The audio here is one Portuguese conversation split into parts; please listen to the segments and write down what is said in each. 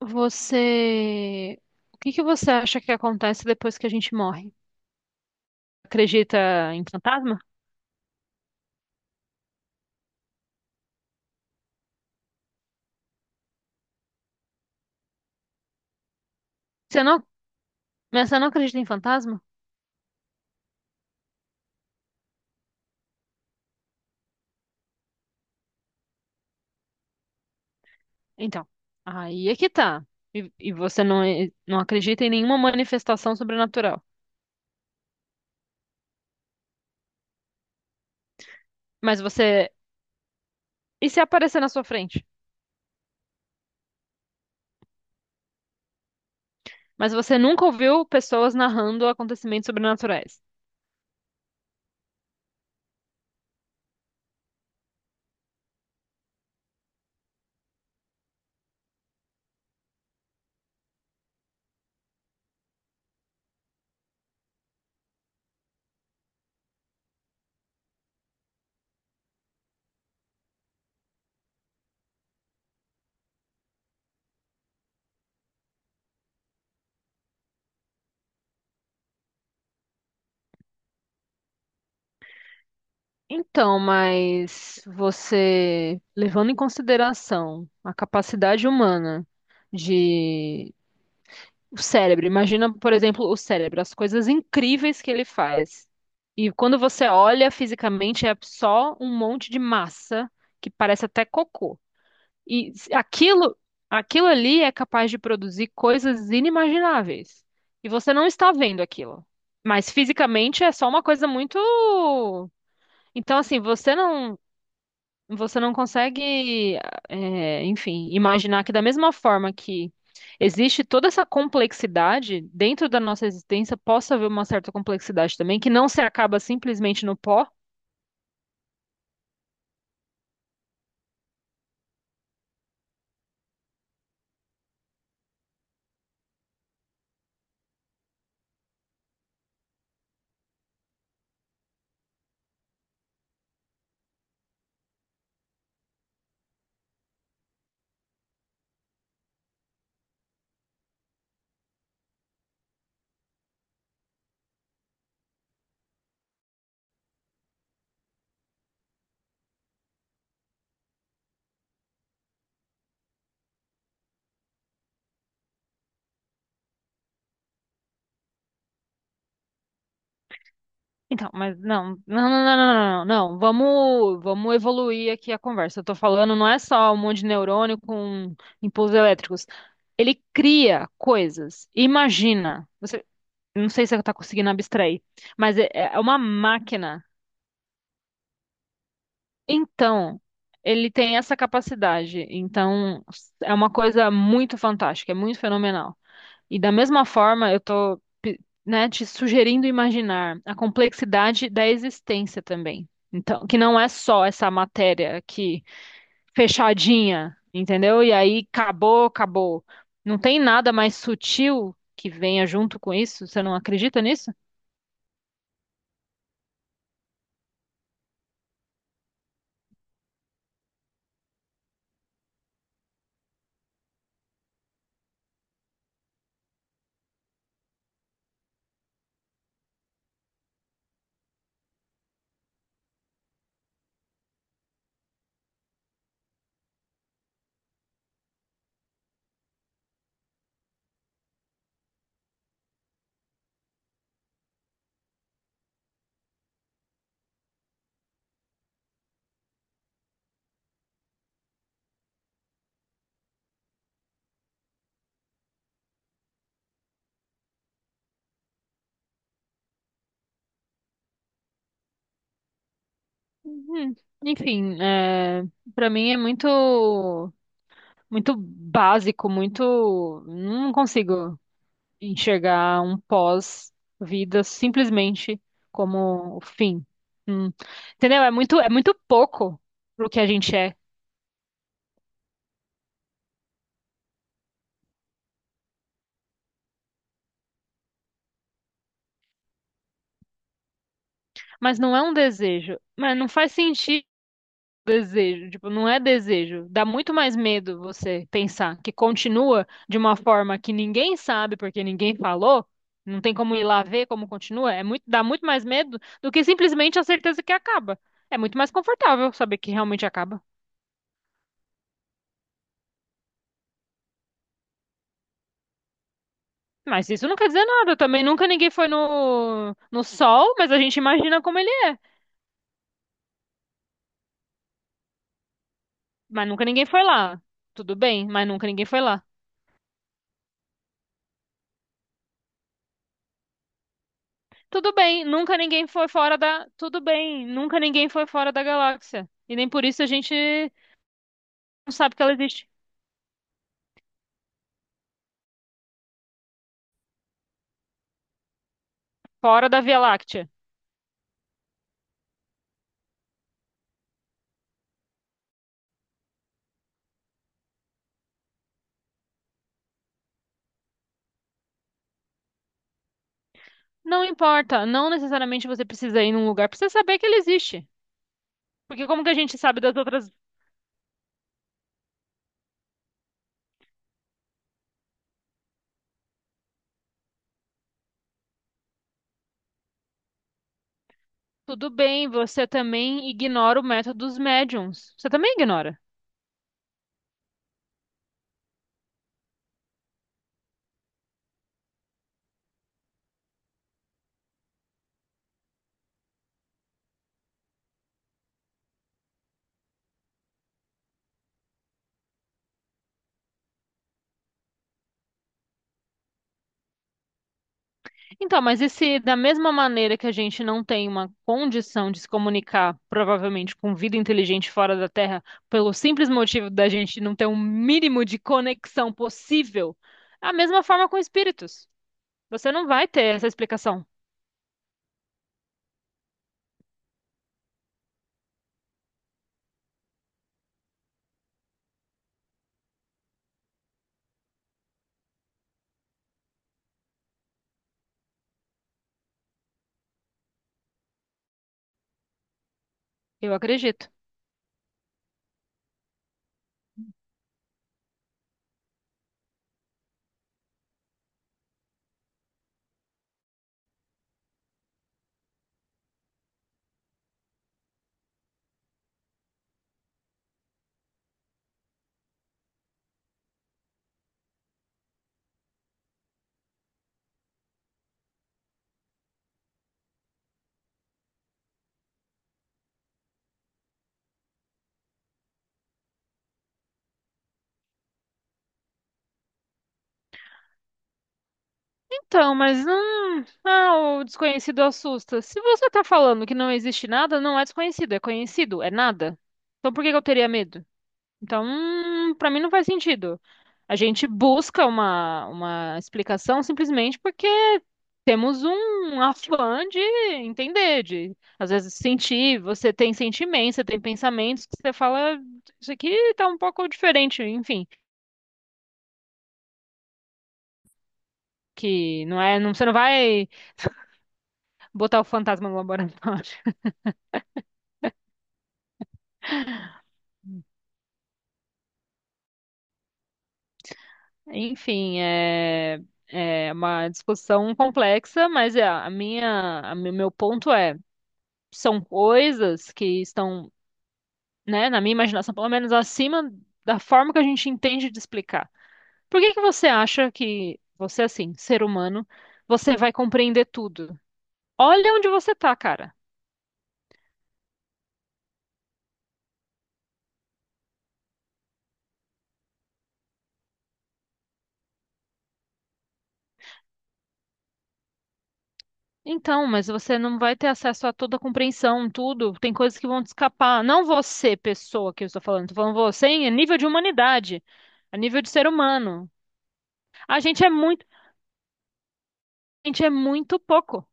Você. O que que você acha que acontece depois que a gente morre? Acredita em fantasma? Você não... Mas você não acredita em fantasma? Então, aí é que tá. E você não, não acredita em nenhuma manifestação sobrenatural. Mas você. E se aparecer na sua frente? Mas você nunca ouviu pessoas narrando acontecimentos sobrenaturais. Então, mas você, levando em consideração a capacidade humana de. O cérebro, imagina, por exemplo, o cérebro, as coisas incríveis que ele faz. E quando você olha fisicamente, é só um monte de massa que parece até cocô. Aquilo, aquilo ali é capaz de produzir coisas inimagináveis. E você não está vendo aquilo. Mas fisicamente é só uma coisa muito. Então, assim, você não. Você não consegue, é, enfim, imaginar que da mesma forma que existe toda essa complexidade dentro da nossa existência, possa haver uma certa complexidade também, que não se acaba simplesmente no pó. Então, mas não, não, não, não, não, não, não. Vamos evoluir aqui a conversa. Eu tô falando, não é só um monte de neurônio com impulsos elétricos. Ele cria coisas. Imagina. Você, não sei se você está conseguindo abstrair, mas é uma máquina. Então, ele tem essa capacidade. Então, é uma coisa muito fantástica, é muito fenomenal. E da mesma forma, eu tô, né, te sugerindo imaginar a complexidade da existência também. Então, que não é só essa matéria aqui fechadinha, entendeu? E aí acabou, acabou. Não tem nada mais sutil que venha junto com isso? Você não acredita nisso? Hum. Enfim, é, para mim é muito. Muito básico, muito. Não consigo enxergar um pós-vida simplesmente como o fim. Hum. Entendeu? É muito pouco pro que a gente é. Mas não é um desejo. Mas não faz sentido. Desejo, tipo, não é desejo. Dá muito mais medo você pensar que continua de uma forma que ninguém sabe porque ninguém falou, não tem como ir lá ver como continua. É muito, dá muito mais medo do que simplesmente a certeza que acaba. É muito mais confortável saber que realmente acaba. Mas isso não quer dizer nada também. Nunca ninguém foi no, no sol, mas a gente imagina como ele é. Mas nunca ninguém foi lá. Tudo bem, mas nunca ninguém foi lá. Tudo bem, nunca ninguém foi fora da. Tudo bem, nunca ninguém foi fora da galáxia. E nem por isso a gente não sabe que ela existe. Fora da Via Láctea. Não importa, não necessariamente você precisa ir num lugar pra você saber que ele existe. Porque como que a gente sabe das outras? Tudo bem, você também ignora o método dos médiums. Você também ignora. Então, mas e se da mesma maneira que a gente não tem uma condição de se comunicar, provavelmente, com vida inteligente fora da Terra, pelo simples motivo da gente não ter um mínimo de conexão possível, é a mesma forma com espíritos. Você não vai ter essa explicação, eu acredito. Então, mas ah, o desconhecido assusta. Se você tá falando que não existe nada, não é desconhecido, é conhecido, é nada. Então por que que eu teria medo? Então, para mim não faz sentido. A gente busca uma explicação simplesmente porque temos um afã de entender, de às vezes sentir, você tem sentimentos, você tem pensamentos que você fala, isso aqui tá um pouco diferente, enfim, que não é, não, você não vai botar o fantasma no laboratório. Enfim, é, é uma discussão complexa, mas é, a minha, a, meu ponto é, são coisas que estão, né, na minha imaginação, pelo menos acima da forma que a gente entende de explicar. Por que que você acha que você, assim, ser humano, você vai compreender tudo? Olha onde você tá, cara. Então, mas você não vai ter acesso a toda a compreensão, tudo. Tem coisas que vão te escapar. Não você, pessoa que eu estou falando você em nível de humanidade, a nível de ser humano. A gente é muito, a gente é muito pouco.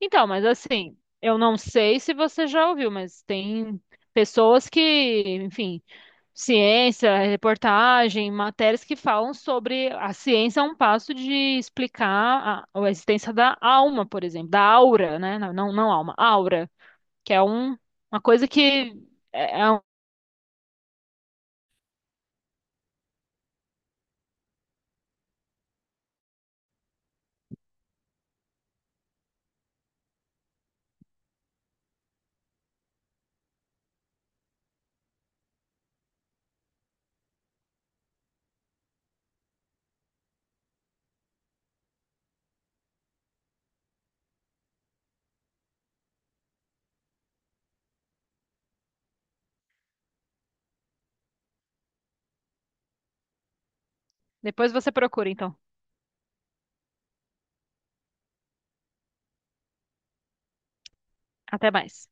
Então, mas assim, eu não sei se você já ouviu, mas tem pessoas que, enfim, ciência, reportagem, matérias que falam sobre a ciência a um passo de explicar a existência da alma, por exemplo, da aura, né? Não, não, não alma, aura, que é um, uma coisa que um- depois você procura, então. Até mais.